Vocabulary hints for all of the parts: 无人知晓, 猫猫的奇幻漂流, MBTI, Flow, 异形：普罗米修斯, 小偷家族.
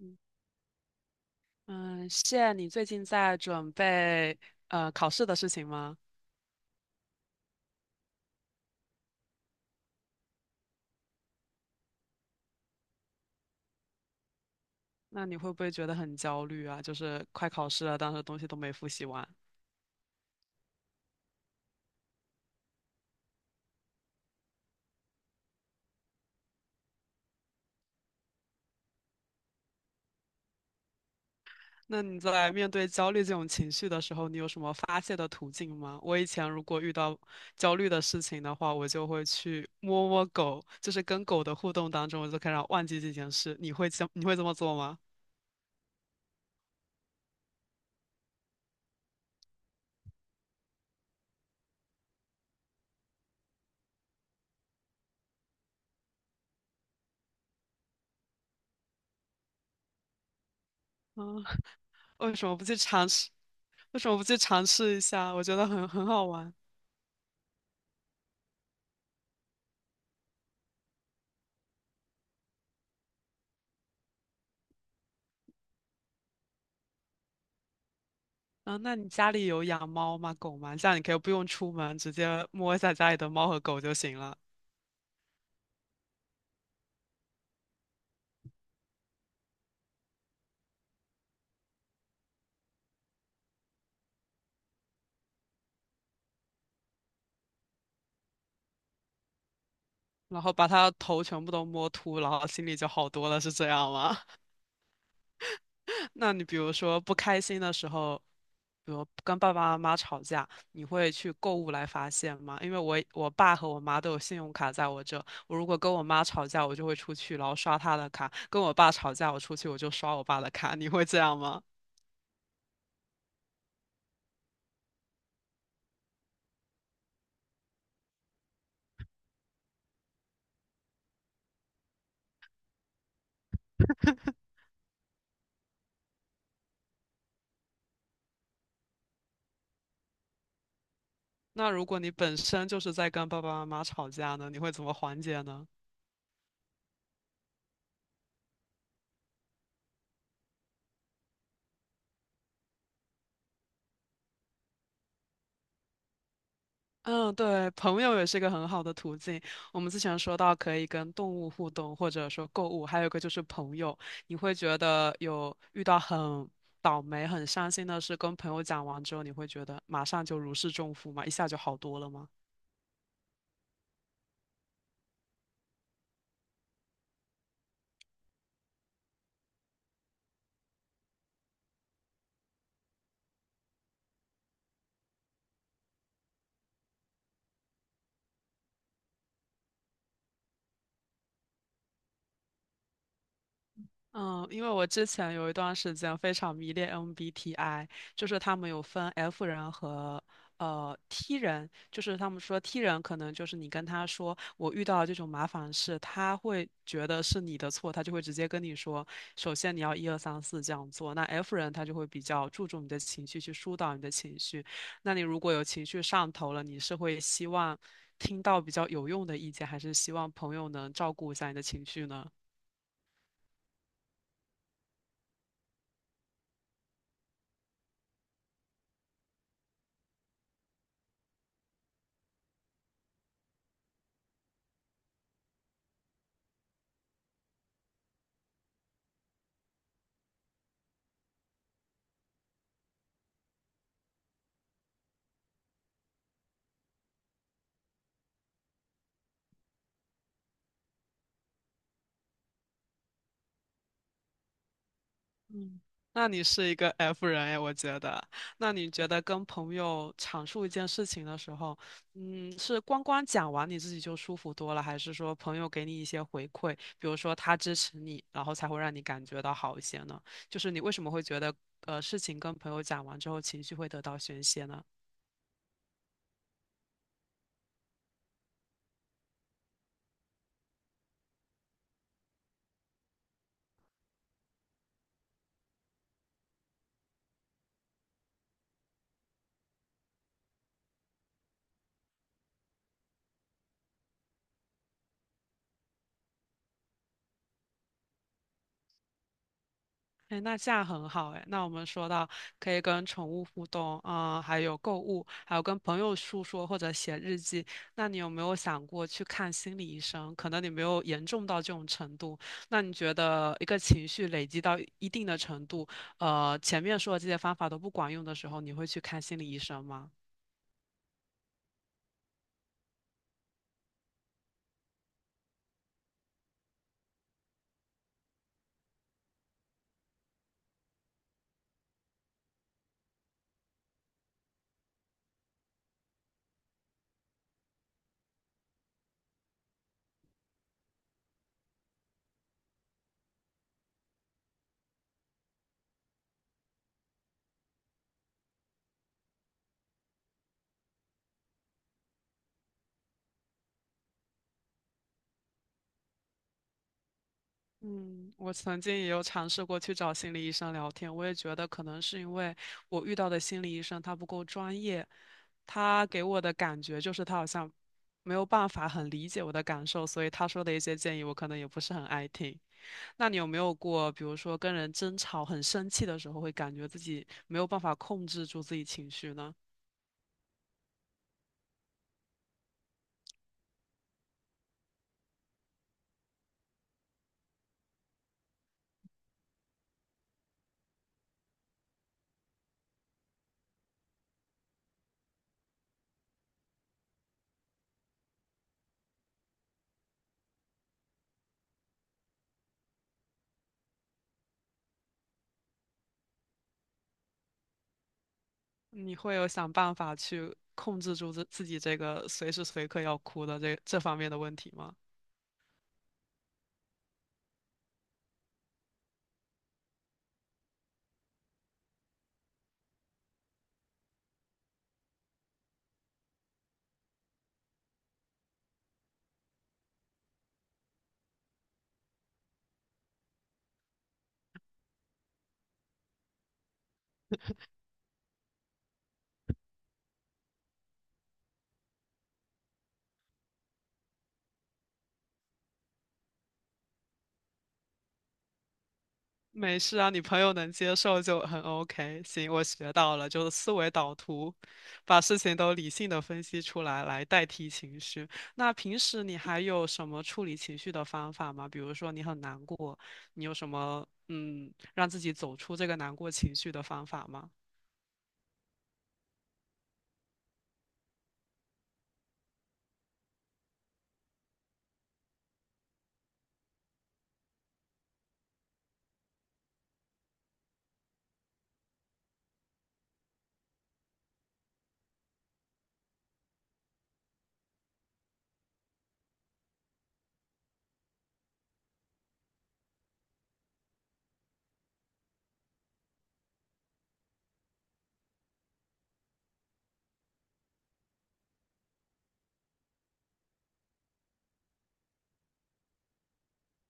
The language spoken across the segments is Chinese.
嗯，你最近在准备考试的事情吗？那你会不会觉得很焦虑啊？就是快考试了，但是东西都没复习完。那你在面对焦虑这种情绪的时候，你有什么发泄的途径吗？我以前如果遇到焦虑的事情的话，我就会去摸摸狗，就是跟狗的互动当中，我就开始忘记这件事。你会这么做吗？啊，为什么不去尝试？为什么不去尝试一下？我觉得很好玩。啊，那你家里有养猫吗？狗吗？这样你可以不用出门，直接摸一下家里的猫和狗就行了，然后把它头全部都摸秃，然后心里就好多了，是这样吗？那你比如说不开心的时候，比如跟爸爸妈妈吵架，你会去购物来发泄吗？因为我爸和我妈都有信用卡在我这，我如果跟我妈吵架，我就会出去，然后刷她的卡；跟我爸吵架，我出去我就刷我爸的卡。你会这样吗？那如果你本身就是在跟爸爸妈妈吵架呢，你会怎么缓解呢？嗯，对，朋友也是一个很好的途径。我们之前说到可以跟动物互动，或者说购物，还有一个就是朋友。你会觉得有遇到很倒霉、很伤心的事，跟朋友讲完之后，你会觉得马上就如释重负吗？一下就好多了吗？嗯，因为我之前有一段时间非常迷恋 MBTI，就是他们有分 F 人和T 人，就是他们说 T 人可能就是你跟他说我遇到了这种麻烦事，他会觉得是你的错，他就会直接跟你说，首先你要一二三四这样做。那 F 人他就会比较注重你的情绪，去疏导你的情绪。那你如果有情绪上头了，你是会希望听到比较有用的意见，还是希望朋友能照顾一下你的情绪呢？嗯，那你是一个 F 人哎，我觉得。那你觉得跟朋友阐述一件事情的时候，嗯，是光光讲完你自己就舒服多了，还是说朋友给你一些回馈，比如说他支持你，然后才会让你感觉到好一些呢？就是你为什么会觉得，事情跟朋友讲完之后情绪会得到宣泄呢？哎，那这样很好哎。那我们说到可以跟宠物互动，啊，还有购物，还有跟朋友诉说或者写日记。那你有没有想过去看心理医生？可能你没有严重到这种程度。那你觉得一个情绪累积到一定的程度，前面说的这些方法都不管用的时候，你会去看心理医生吗？嗯，我曾经也有尝试过去找心理医生聊天，我也觉得可能是因为我遇到的心理医生他不够专业，他给我的感觉就是他好像没有办法很理解我的感受，所以他说的一些建议我可能也不是很爱听。那你有没有过，比如说跟人争吵很生气的时候，会感觉自己没有办法控制住自己情绪呢？你会有想办法去控制住自己这个随时随刻要哭的这方面的问题吗？没事啊，你朋友能接受就很 OK。行，我学到了，就是思维导图，把事情都理性的分析出来，来代替情绪。那平时你还有什么处理情绪的方法吗？比如说你很难过，你有什么嗯，让自己走出这个难过情绪的方法吗？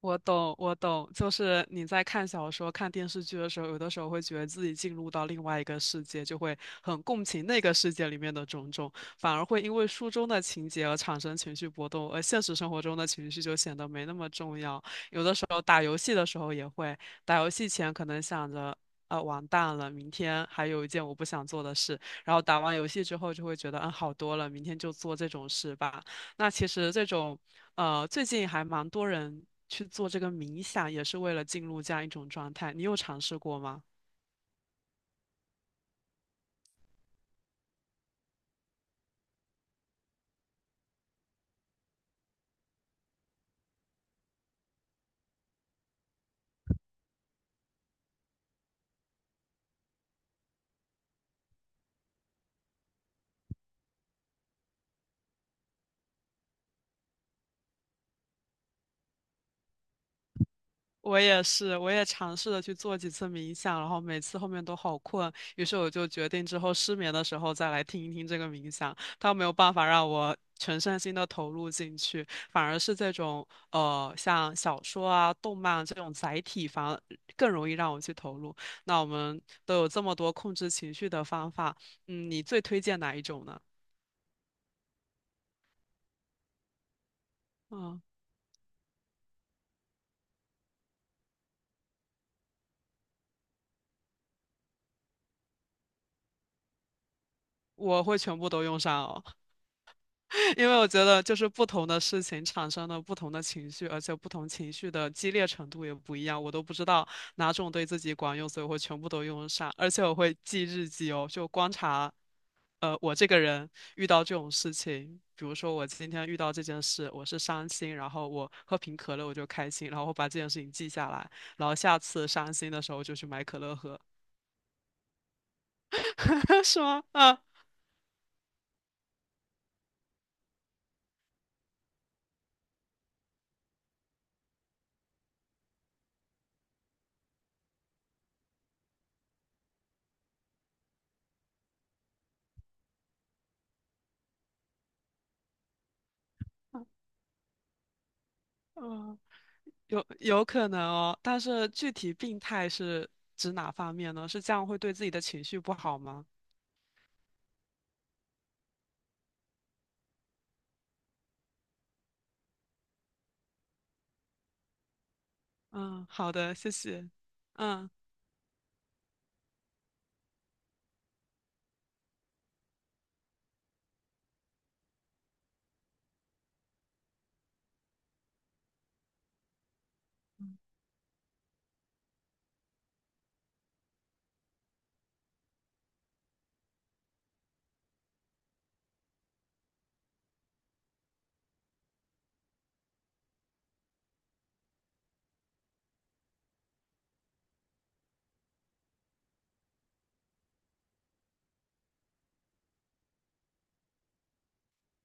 我懂，我懂，就是你在看小说、看电视剧的时候，有的时候会觉得自己进入到另外一个世界，就会很共情那个世界里面的种种，反而会因为书中的情节而产生情绪波动，而现实生活中的情绪就显得没那么重要。有的时候打游戏的时候也会，打游戏前可能想着。完蛋了！明天还有一件我不想做的事，然后打完游戏之后就会觉得，嗯，好多了，明天就做这种事吧。那其实这种最近还蛮多人去做这个冥想，也是为了进入这样一种状态。你有尝试过吗？我也是，我也尝试了去做几次冥想，然后每次后面都好困，于是我就决定之后失眠的时候再来听一听这个冥想。它没有办法让我全身心的投入进去，反而是这种像小说啊、动漫啊这种载体，反而更容易让我去投入。那我们都有这么多控制情绪的方法，嗯，你最推荐哪一种呢？嗯。我会全部都用上哦，因为我觉得就是不同的事情产生了不同的情绪，而且不同情绪的激烈程度也不一样，我都不知道哪种对自己管用，所以我会全部都用上，而且我会记日记哦，就观察，我这个人遇到这种事情，比如说我今天遇到这件事，我是伤心，然后我喝瓶可乐我就开心，然后我把这件事情记下来，然后下次伤心的时候就去买可乐喝，是吗？啊，嗯。有可能哦，但是具体病态是指哪方面呢？是这样会对自己的情绪不好吗？嗯，好的，谢谢。嗯。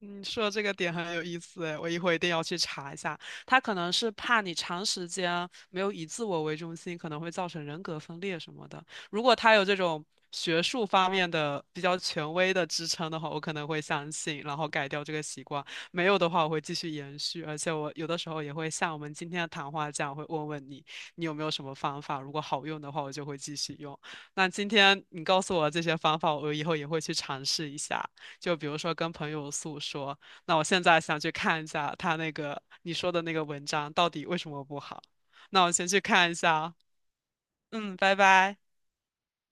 你说这个点很有意思诶，我一会一定要去查一下。他可能是怕你长时间没有以自我为中心，可能会造成人格分裂什么的。如果他有这种学术方面的比较权威的支撑的话，我可能会相信，然后改掉这个习惯。没有的话，我会继续延续。而且我有的时候也会像我们今天的谈话这样，会问问你，你有没有什么方法？如果好用的话，我就会继续用。那今天你告诉我这些方法，我以后也会去尝试一下。就比如说跟朋友诉说，那我现在想去看一下他那个你说的那个文章到底为什么不好，那我先去看一下啊，嗯，拜拜。